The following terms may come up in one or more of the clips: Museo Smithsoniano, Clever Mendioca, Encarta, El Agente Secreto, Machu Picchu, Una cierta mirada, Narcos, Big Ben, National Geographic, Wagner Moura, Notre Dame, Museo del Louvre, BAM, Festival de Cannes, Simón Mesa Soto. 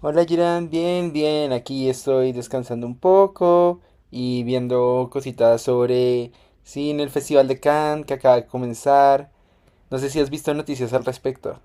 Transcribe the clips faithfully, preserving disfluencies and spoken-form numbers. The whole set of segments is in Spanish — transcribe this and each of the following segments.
Hola Jiran, bien, bien, aquí estoy descansando un poco y viendo cositas sobre, sí, en el Festival de Cannes que acaba de comenzar. No sé si has visto noticias al respecto.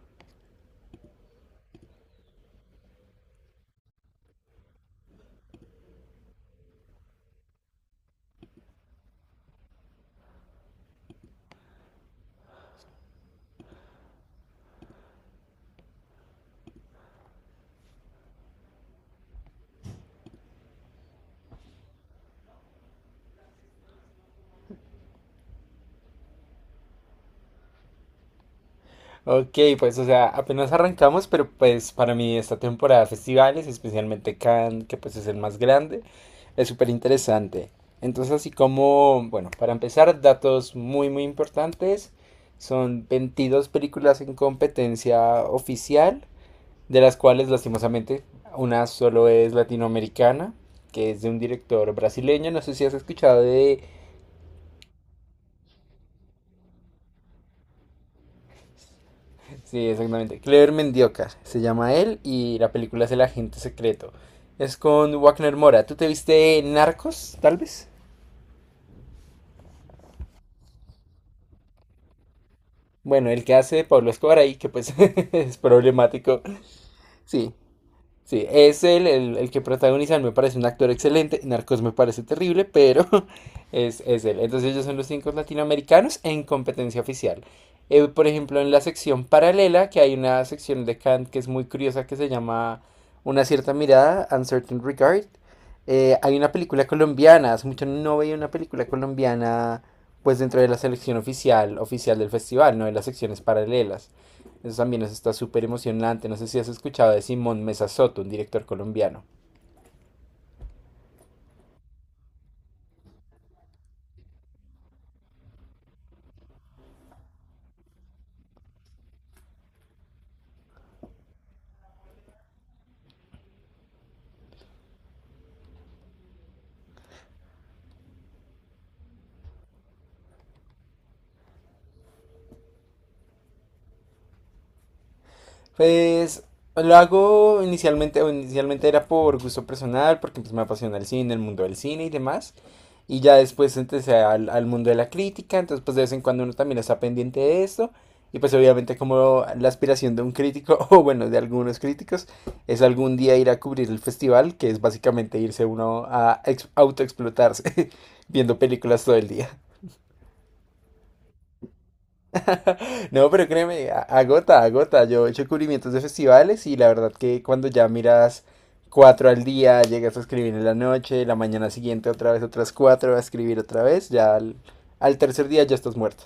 Ok, pues o sea, apenas arrancamos, pero pues para mí esta temporada de festivales, especialmente Cannes, que pues es el más grande, es súper interesante. Entonces, así como, bueno, para empezar, datos muy, muy importantes. Son veintidós películas en competencia oficial de las cuales lastimosamente una solo es latinoamericana, que es de un director brasileño, no sé si has escuchado de... Sí, exactamente, Clever Mendioca, se llama él, y la película es El Agente Secreto. Es con Wagner Moura. ¿Tú te viste Narcos, tal vez? Bueno, el que hace Pablo Escobar ahí, que pues es problemático. Sí, sí, es él el, el que protagoniza, me parece un actor excelente, Narcos me parece terrible, pero es, es él. Entonces ellos son los cinco latinoamericanos en competencia oficial. Eh, por ejemplo, en la sección paralela, que hay una sección de Kant que es muy curiosa, que se llama Una cierta mirada, Uncertain Regard. Eh, hay una película colombiana, hace mucho no veía una película colombiana, pues dentro de la selección oficial, oficial del festival, no de las secciones paralelas. Eso también nos está súper emocionante. No sé si has escuchado de Simón Mesa Soto, un director colombiano. Pues lo hago inicialmente, o inicialmente era por gusto personal, porque pues, me apasiona el cine, el mundo del cine y demás. Y ya después empecé al, al mundo de la crítica, entonces pues de vez en cuando uno también está pendiente de esto. Y pues obviamente como la aspiración de un crítico, o bueno, de algunos críticos, es algún día ir a cubrir el festival, que es básicamente irse uno a ex- autoexplotarse viendo películas todo el día. No, pero créeme, a- agota, agota. Yo he hecho cubrimientos de festivales y la verdad que cuando ya miras cuatro al día, llegas a escribir en la noche, la mañana siguiente otra vez otras cuatro, a escribir otra vez, ya al, al tercer día ya estás muerto.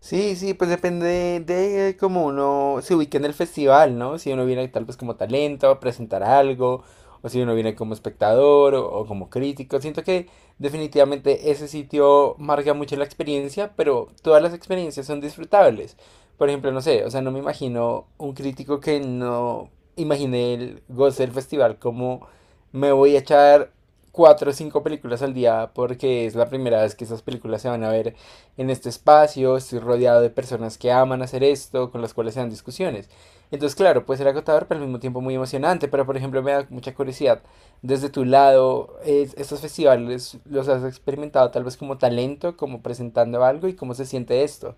Sí, sí, pues depende de cómo uno se ubique en el festival, ¿no? Si uno viene tal vez como talento a presentar algo, o si uno viene como espectador o, o como crítico. Siento que definitivamente ese sitio marca mucho la experiencia, pero todas las experiencias son disfrutables. Por ejemplo, no sé, o sea, no me imagino un crítico que no imagine el goce del festival como me voy a echar cuatro o cinco películas al día porque es la primera vez que esas películas se van a ver en este espacio, estoy rodeado de personas que aman hacer esto, con las cuales se dan discusiones. Entonces, claro, puede ser agotador, pero al mismo tiempo muy emocionante. Pero, por ejemplo, me da mucha curiosidad. Desde tu lado, es- ¿estos festivales los has experimentado tal vez como talento, como presentando algo y cómo se siente esto?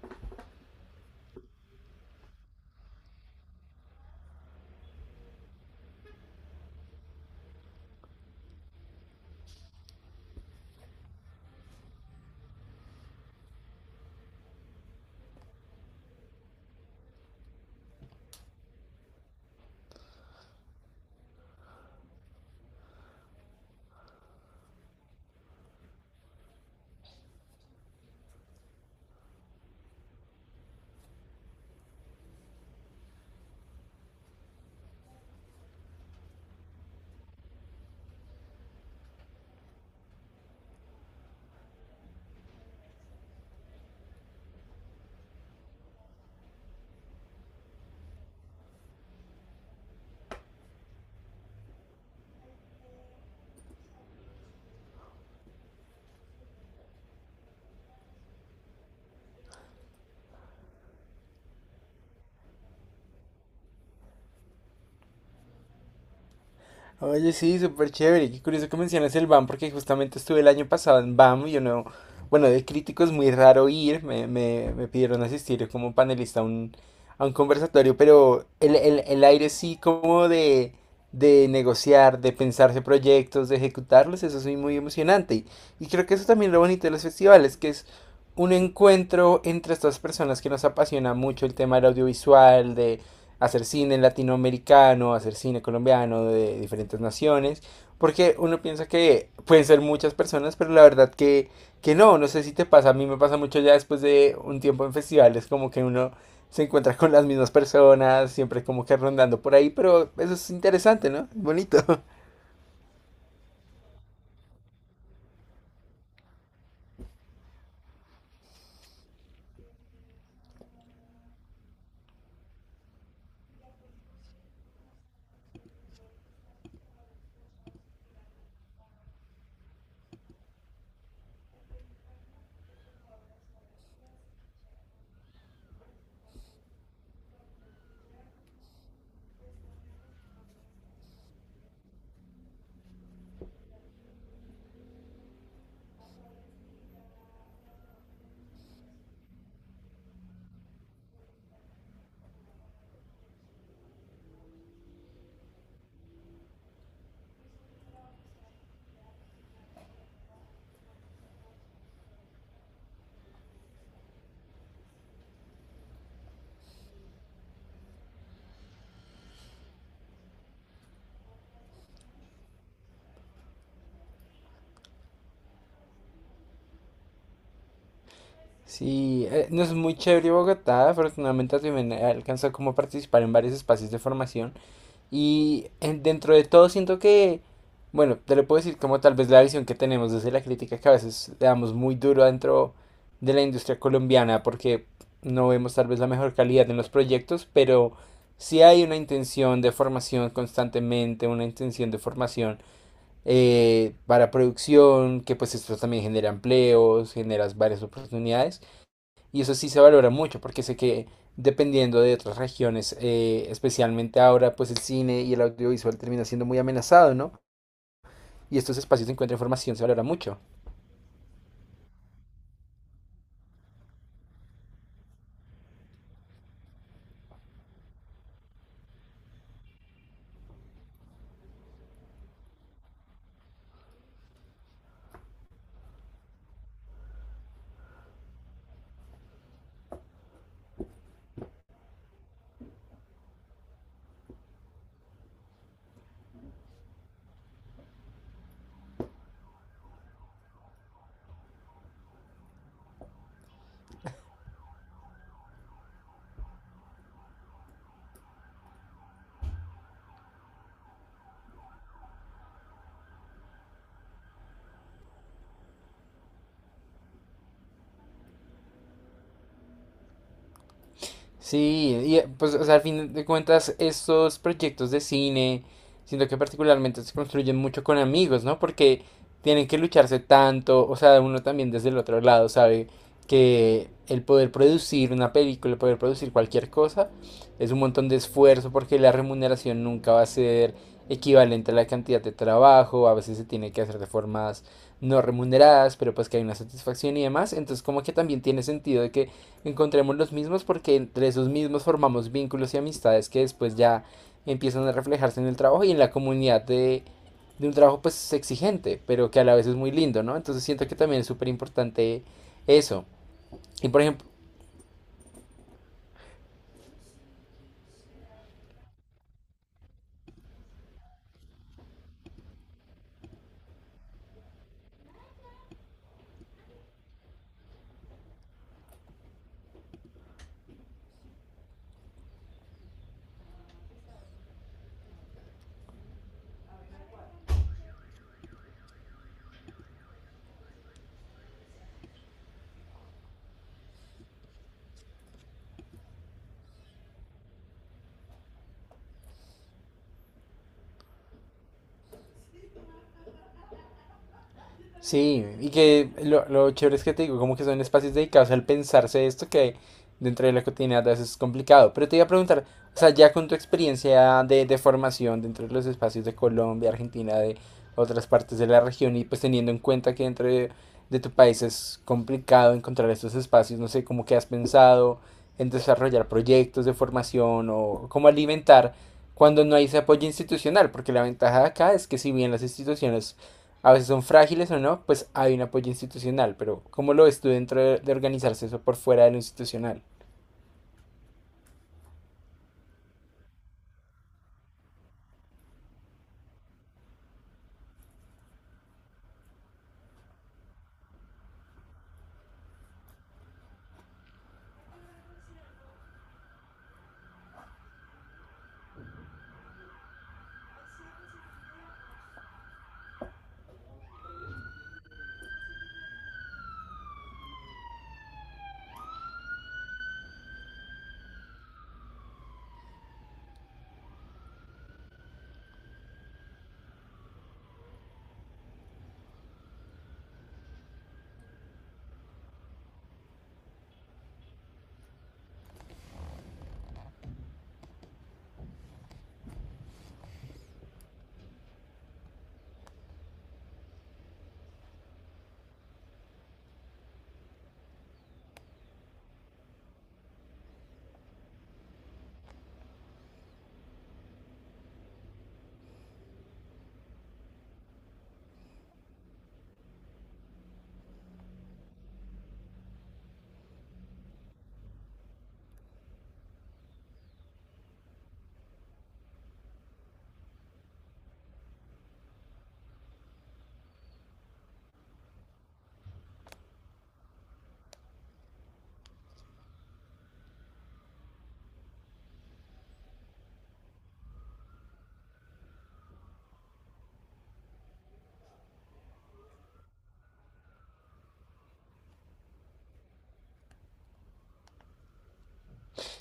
Oye, sí, súper chévere. Qué curioso que mencionas el B A M, porque justamente estuve el año pasado en B A M y yo no. Bueno, de crítico es muy raro ir. Me, me, me pidieron asistir como panelista a un, a un conversatorio, pero el, el, el aire sí, como de, de negociar, de pensarse proyectos, de ejecutarlos, eso es muy, muy emocionante. Y, y creo que eso también es lo bonito de los festivales, que es un encuentro entre estas personas que nos apasiona mucho el tema del audiovisual, hacer cine latinoamericano, hacer cine colombiano de diferentes naciones, porque uno piensa que pueden ser muchas personas, pero la verdad que, que no, no sé si te pasa, a mí me pasa mucho ya después de un tiempo en festivales, como que uno se encuentra con las mismas personas, siempre como que rondando por ahí, pero eso es interesante, ¿no? Bonito. Sí, eh, no es muy chévere Bogotá, afortunadamente también he alcanzado como a participar en varios espacios de formación. Y en- dentro de todo siento que, bueno, te lo puedo decir como tal vez la visión que tenemos desde la crítica que a veces le damos muy duro dentro de la industria colombiana porque no vemos tal vez la mejor calidad en los proyectos, pero sí hay una intención de formación constantemente, una intención de formación eh, para producción, que pues esto también genera empleos, genera varias oportunidades. Y eso sí se valora mucho porque sé que dependiendo de otras regiones, eh, especialmente ahora, pues el cine y el audiovisual termina siendo muy amenazado, ¿no? Y estos espacios de encuentro de información se valora mucho. Sí, y eh, pues o sea, al fin de cuentas estos proyectos de cine, siento que particularmente se construyen mucho con amigos, ¿no? Porque tienen que lucharse tanto, o sea, uno también desde el otro lado sabe que el poder producir una película, el poder producir cualquier cosa, es un montón de esfuerzo porque la remuneración nunca va a ser equivalente a la cantidad de trabajo, a veces se tiene que hacer de formas no remuneradas, pero pues que hay una satisfacción y demás, entonces como que también tiene sentido de que encontremos los mismos porque entre esos mismos formamos vínculos y amistades que después ya empiezan a reflejarse en el trabajo y en la comunidad de, de un trabajo pues exigente, pero que a la vez es muy lindo, ¿no? Entonces siento que también es súper importante eso. Y por ejemplo, sí, y que lo, lo chévere es que te digo, como que son espacios dedicados al pensarse esto que dentro de la cotidianidad a veces es complicado. Pero te iba a preguntar, o sea, ya con tu experiencia de, de formación dentro de los espacios de Colombia, Argentina, de otras partes de la región, y pues teniendo en cuenta que dentro de, de tu país es complicado encontrar estos espacios, no sé, cómo que has pensado en desarrollar proyectos de formación o cómo alimentar cuando no hay ese apoyo institucional, porque la ventaja de acá es que si bien las instituciones a veces son frágiles o no, pues hay un apoyo institucional, pero ¿cómo lo ves tú dentro de, de organizarse eso por fuera de lo institucional?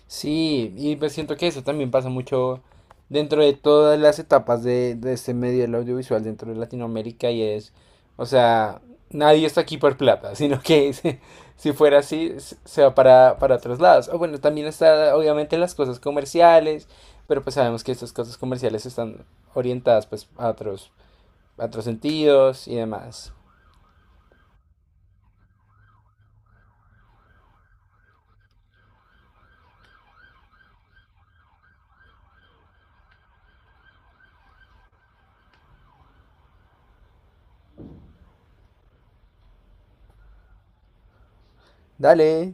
Sí, y pues siento que eso también pasa mucho dentro de todas las etapas de, de este medio del audiovisual dentro de Latinoamérica y es, o sea, nadie está aquí por plata, sino que se- si fuera así, s- se va para, para otros lados. O bueno, también está obviamente las cosas comerciales, pero pues sabemos que estas cosas comerciales están orientadas pues a otros, a otros sentidos y demás. Dale.